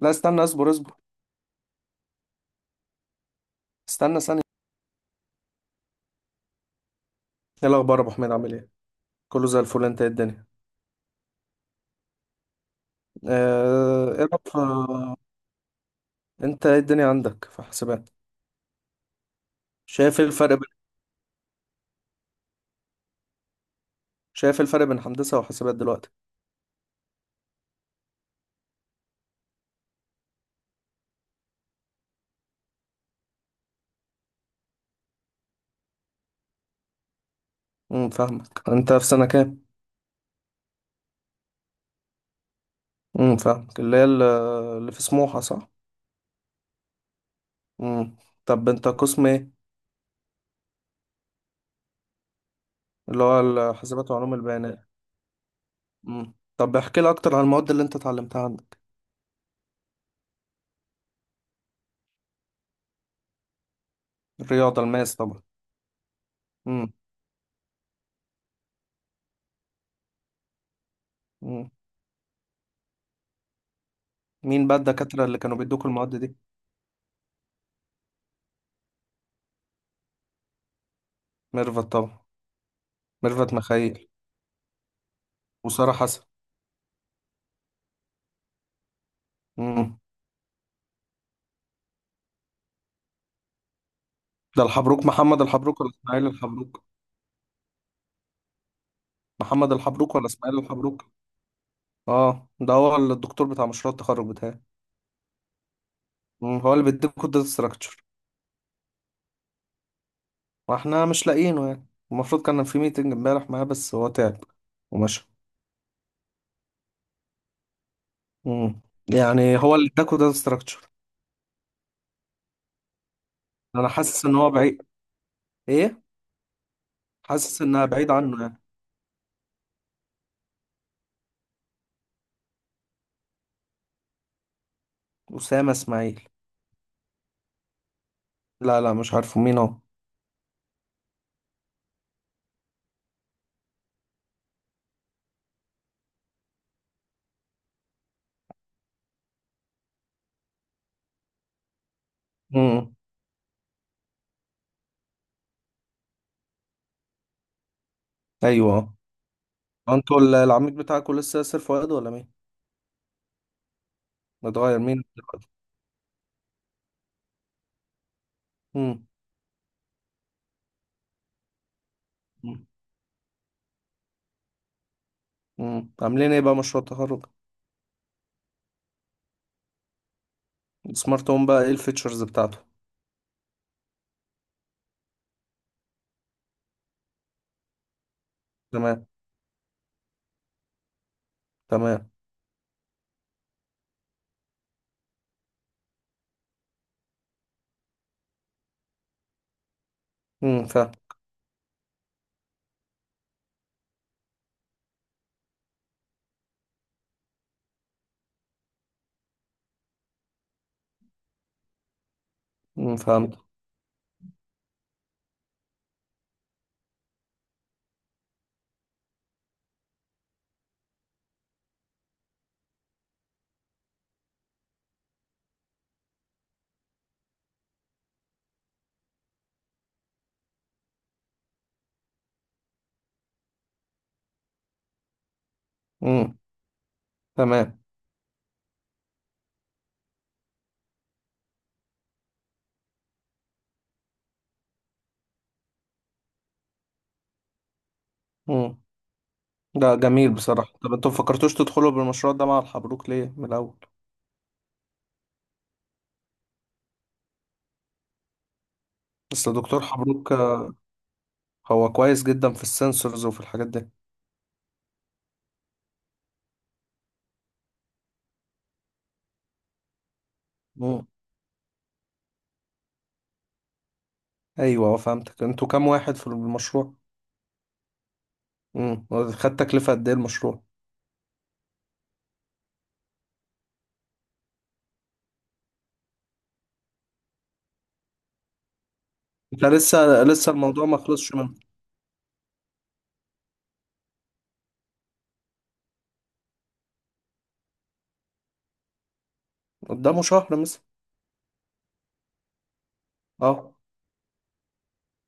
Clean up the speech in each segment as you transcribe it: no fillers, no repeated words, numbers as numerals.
لا، استنى، اصبر اصبر، استنى ثانية. ايه الأخبار يا أبو حميد، عامل ايه؟ كله زي الفل. انت ايه الدنيا؟ ايه رأيك في- انت ايه الدنيا عندك في حسابات؟ شايف ايه الفرق بين شايف ايه الفرق بين هندسة وحسابات دلوقتي؟ فاهمك. انت في سنة كام؟ فاهمك، اللي هي اللي في سموحة صح؟ امم طب انت قسم ايه؟ اللي هو الحسابات وعلوم البيانات. طب احكي لي اكتر عن المواد اللي انت اتعلمتها عندك. الرياضة الماس طبعا. امم امم مين بقى الدكاترة اللي كانوا بيدوك المواد دي؟ ميرفت طبعا، ميرفت مخيل، وسارة حسن. مم. ده الحبروك، محمد الحبروك ولا اسماعيل الحبروك؟ محمد الحبروك ولا اسماعيل الحبروك؟ اه، ده هو الدكتور بتاع مشروع التخرج بتاعي. مم. هو اللي بيديكوا الداتا ستراكشر؟ واحنا مش لاقيينه، يعني المفروض كان في ميتنج امبارح معاه بس هو تعب ومشى. مم. يعني هو اللي اداكوا داتا ستراكشر؟ انا حاسس ان هو بعيد. ايه، حاسس انها بعيد عنه يعني. اسامة اسماعيل؟ لا لا، مش عارفه مين هو. مم. ايوه. انتوا العميد بتاعكوا لسه ياسر فؤاد ولا مين؟ متغير مين دلوقتي؟ مم. مم. عاملين ايه بقى مشروع التخرج؟ السمارت هوم بقى ايه الفيتشرز بتاعته؟ تمام. تمام. فاهم. فهمت. امم تمام. امم ده جميل بصراحة. طب انتوا مفكرتوش تدخلوا بالمشروع ده مع الحبروك ليه من الاول؟ بس دكتور حبروك هو كويس جدا في السنسورز وفي الحاجات دي. امم ايوه. فهمتك. انتوا كام واحد في المشروع؟ امم خد تكلفة قد ايه المشروع؟ انت لسه، الموضوع ما خلصش منه؟ قدامه شهر مثلا؟ اه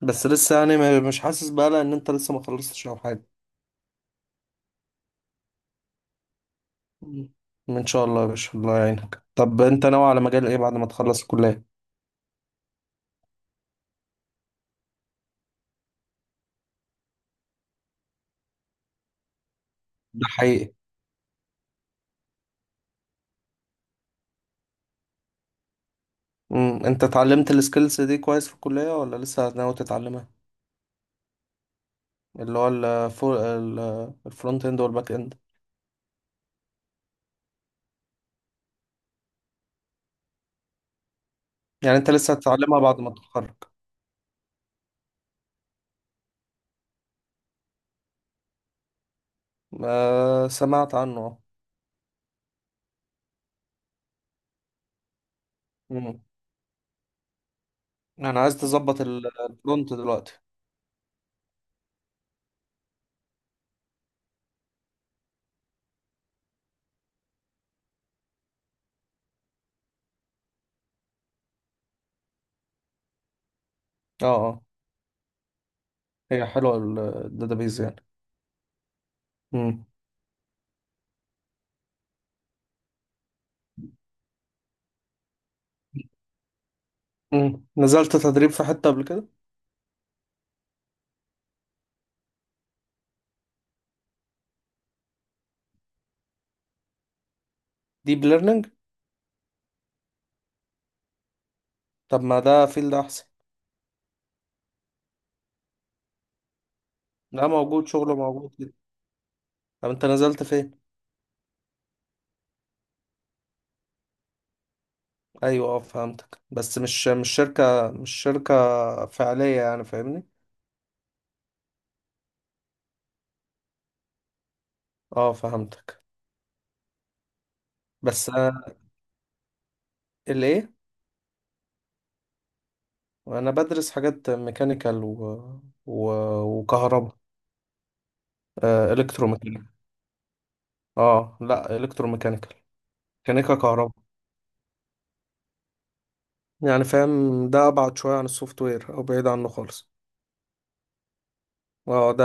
بس لسه، يعني مش حاسس بقى ان انت لسه ما خلصتش او حاجة. مم. ان شاء الله يا باشا، الله يعينك. طب انت ناوي على مجال ايه بعد ما تخلص الكلية؟ ده حقيقي. انت اتعلمت السكيلز دي كويس في الكلية ولا لسه ناوي تتعلمها؟ اللي هو الفرونت اند والباك اند. يعني انت لسه هتتعلمها بعد ما تتخرج؟ آه، سمعت عنه، اه. امم انا عايز تظبط الفرونت دلوقتي. اه اه. هي حلوة الداتابيز يعني؟ امم نزلت تدريب في حتة قبل كده؟ ديب ليرنينج؟ طب ما ده فيلد احسن. ده موجود، شغله موجود. طب انت نزلت فين؟ ايوه اه فهمتك. بس مش شركة، مش شركة فعلية يعني، فاهمني؟ اه فهمتك. بس انا الايه؟ انا بدرس حاجات ميكانيكال و... وكهرباء. آه، الكتروميكانيكال. اه لا، الكتروميكانيكال، ميكانيكا كهرباء. يعني فاهم، ده ابعد شوية عن السوفت وير او بعيد عنه خالص. اه ده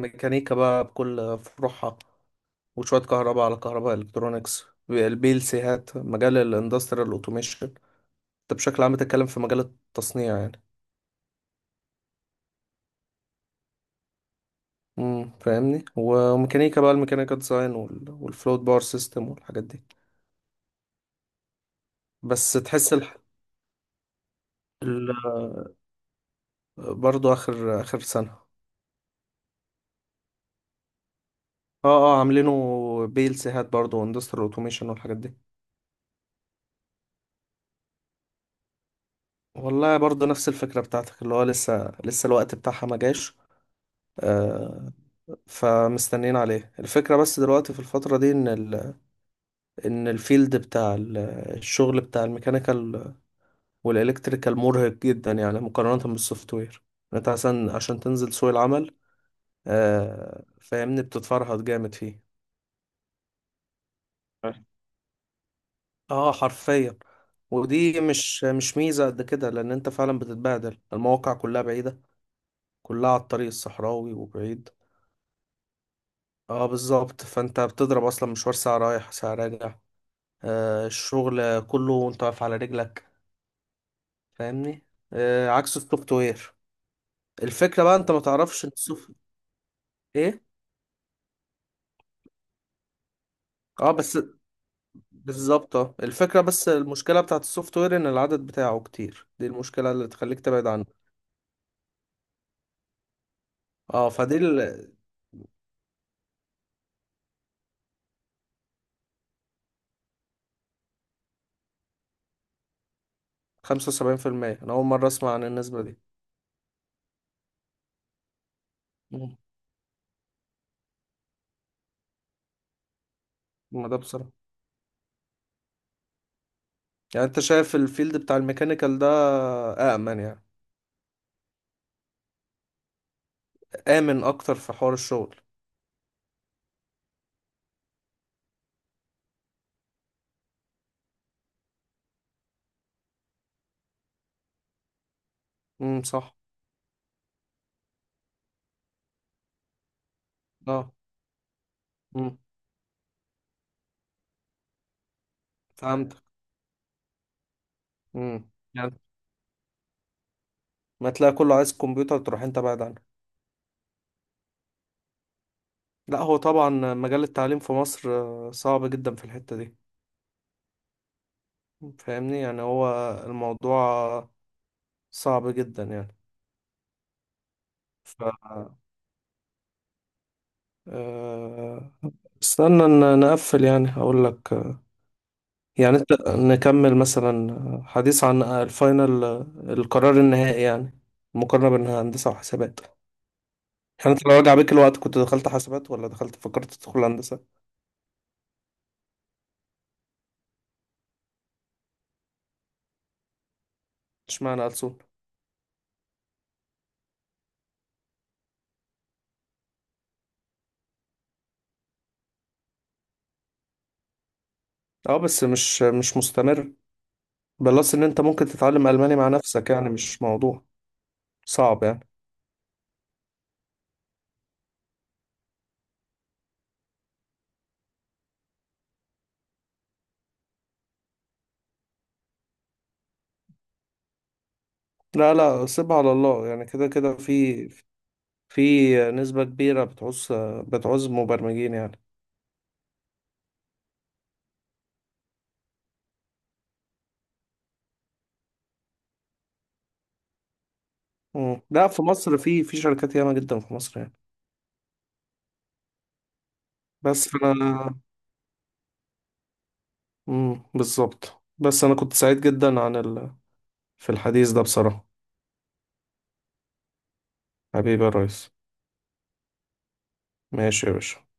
ميكانيكا بقى بكل فروعها، وشوية كهرباء على كهرباء الكترونيكس. البي ال سي هات مجال الاندستريال اوتوميشن. انت بشكل عام بتتكلم في مجال التصنيع يعني. فاهمني. وميكانيكا بقى، الميكانيكا ديزاين والفلوت باور سيستم والحاجات دي. بس تحس ال... برضو اخر اخر سنة. اه اه، عاملينه PLC هات برضه، واندستريال اوتوميشن والحاجات دي. والله برضه نفس الفكرة بتاعتك، اللي هو لسه الوقت بتاعها ما جاش. آه، فمستنيين عليه. الفكرة بس دلوقتي في الفترة دي ان الفيلد بتاع الشغل بتاع الميكانيكال والالكتريكال مرهق جدا يعني مقارنة بالسوفت وير. انت عشان تنزل سوق العمل، آه فاهمني، بتتفرهد جامد فيه. أيوة. اه حرفيا. ودي مش ميزة قد كده، لأن أنت فعلا بتتبهدل. المواقع كلها بعيدة، كلها على الطريق الصحراوي وبعيد. اه بالظبط، فأنت بتضرب أصلا مشوار ساعة رايح ساعة راجع. آه، الشغل كله وأنت واقف على رجلك، فاهمني؟ آه، عكس السوفت وير. الفكرة بقى أنت ما تعرفش السوفت. إيه. اه بس، بالظبط، اه الفكرة. بس المشكلة بتاعت السوفت وير ان العدد بتاعه كتير، دي المشكلة اللي تخليك تبعد عنه. اه فدي ال 75%. انا اول مرة اسمع عن النسبة دي. مم. ما ده بصراحة. يعني انت شايف الفيلد بتاع الميكانيكال ده آمن يعني؟ آمن اكتر في حوار الشغل؟ صح. اه امم فهمت. يعني ما تلاقي كله عايز كمبيوتر تروح انت بعد عنه. لا هو طبعا مجال التعليم في مصر صعب جدا في الحتة دي، فاهمني. يعني هو الموضوع صعب جدا يعني. ف آه، استنى نقفل، يعني هقول لك. يعني انت نكمل مثلا حديث عن الفاينل، القرار النهائي يعني، المقارنة بين هندسة وحسابات. يعني انت لو رجع بيك الوقت كنت دخلت حسابات ولا دخلت فكرت تدخل هندسة؟ اشمعنى ألسن؟ اه بس مش مستمر. بلس ان انت ممكن تتعلم ألماني مع نفسك، يعني مش موضوع صعب يعني. لا لا، سيبها على الله، يعني كده كده، في في نسبة كبيرة بتعوز مبرمجين يعني. مم. لا، في مصر في شركات ياما جدا في مصر يعني. بس فانا، مم، بالظبط. بس انا كنت سعيد جدا في الحديث ده بصراحة. حبيبي يا ريس. ماشي يا باشا.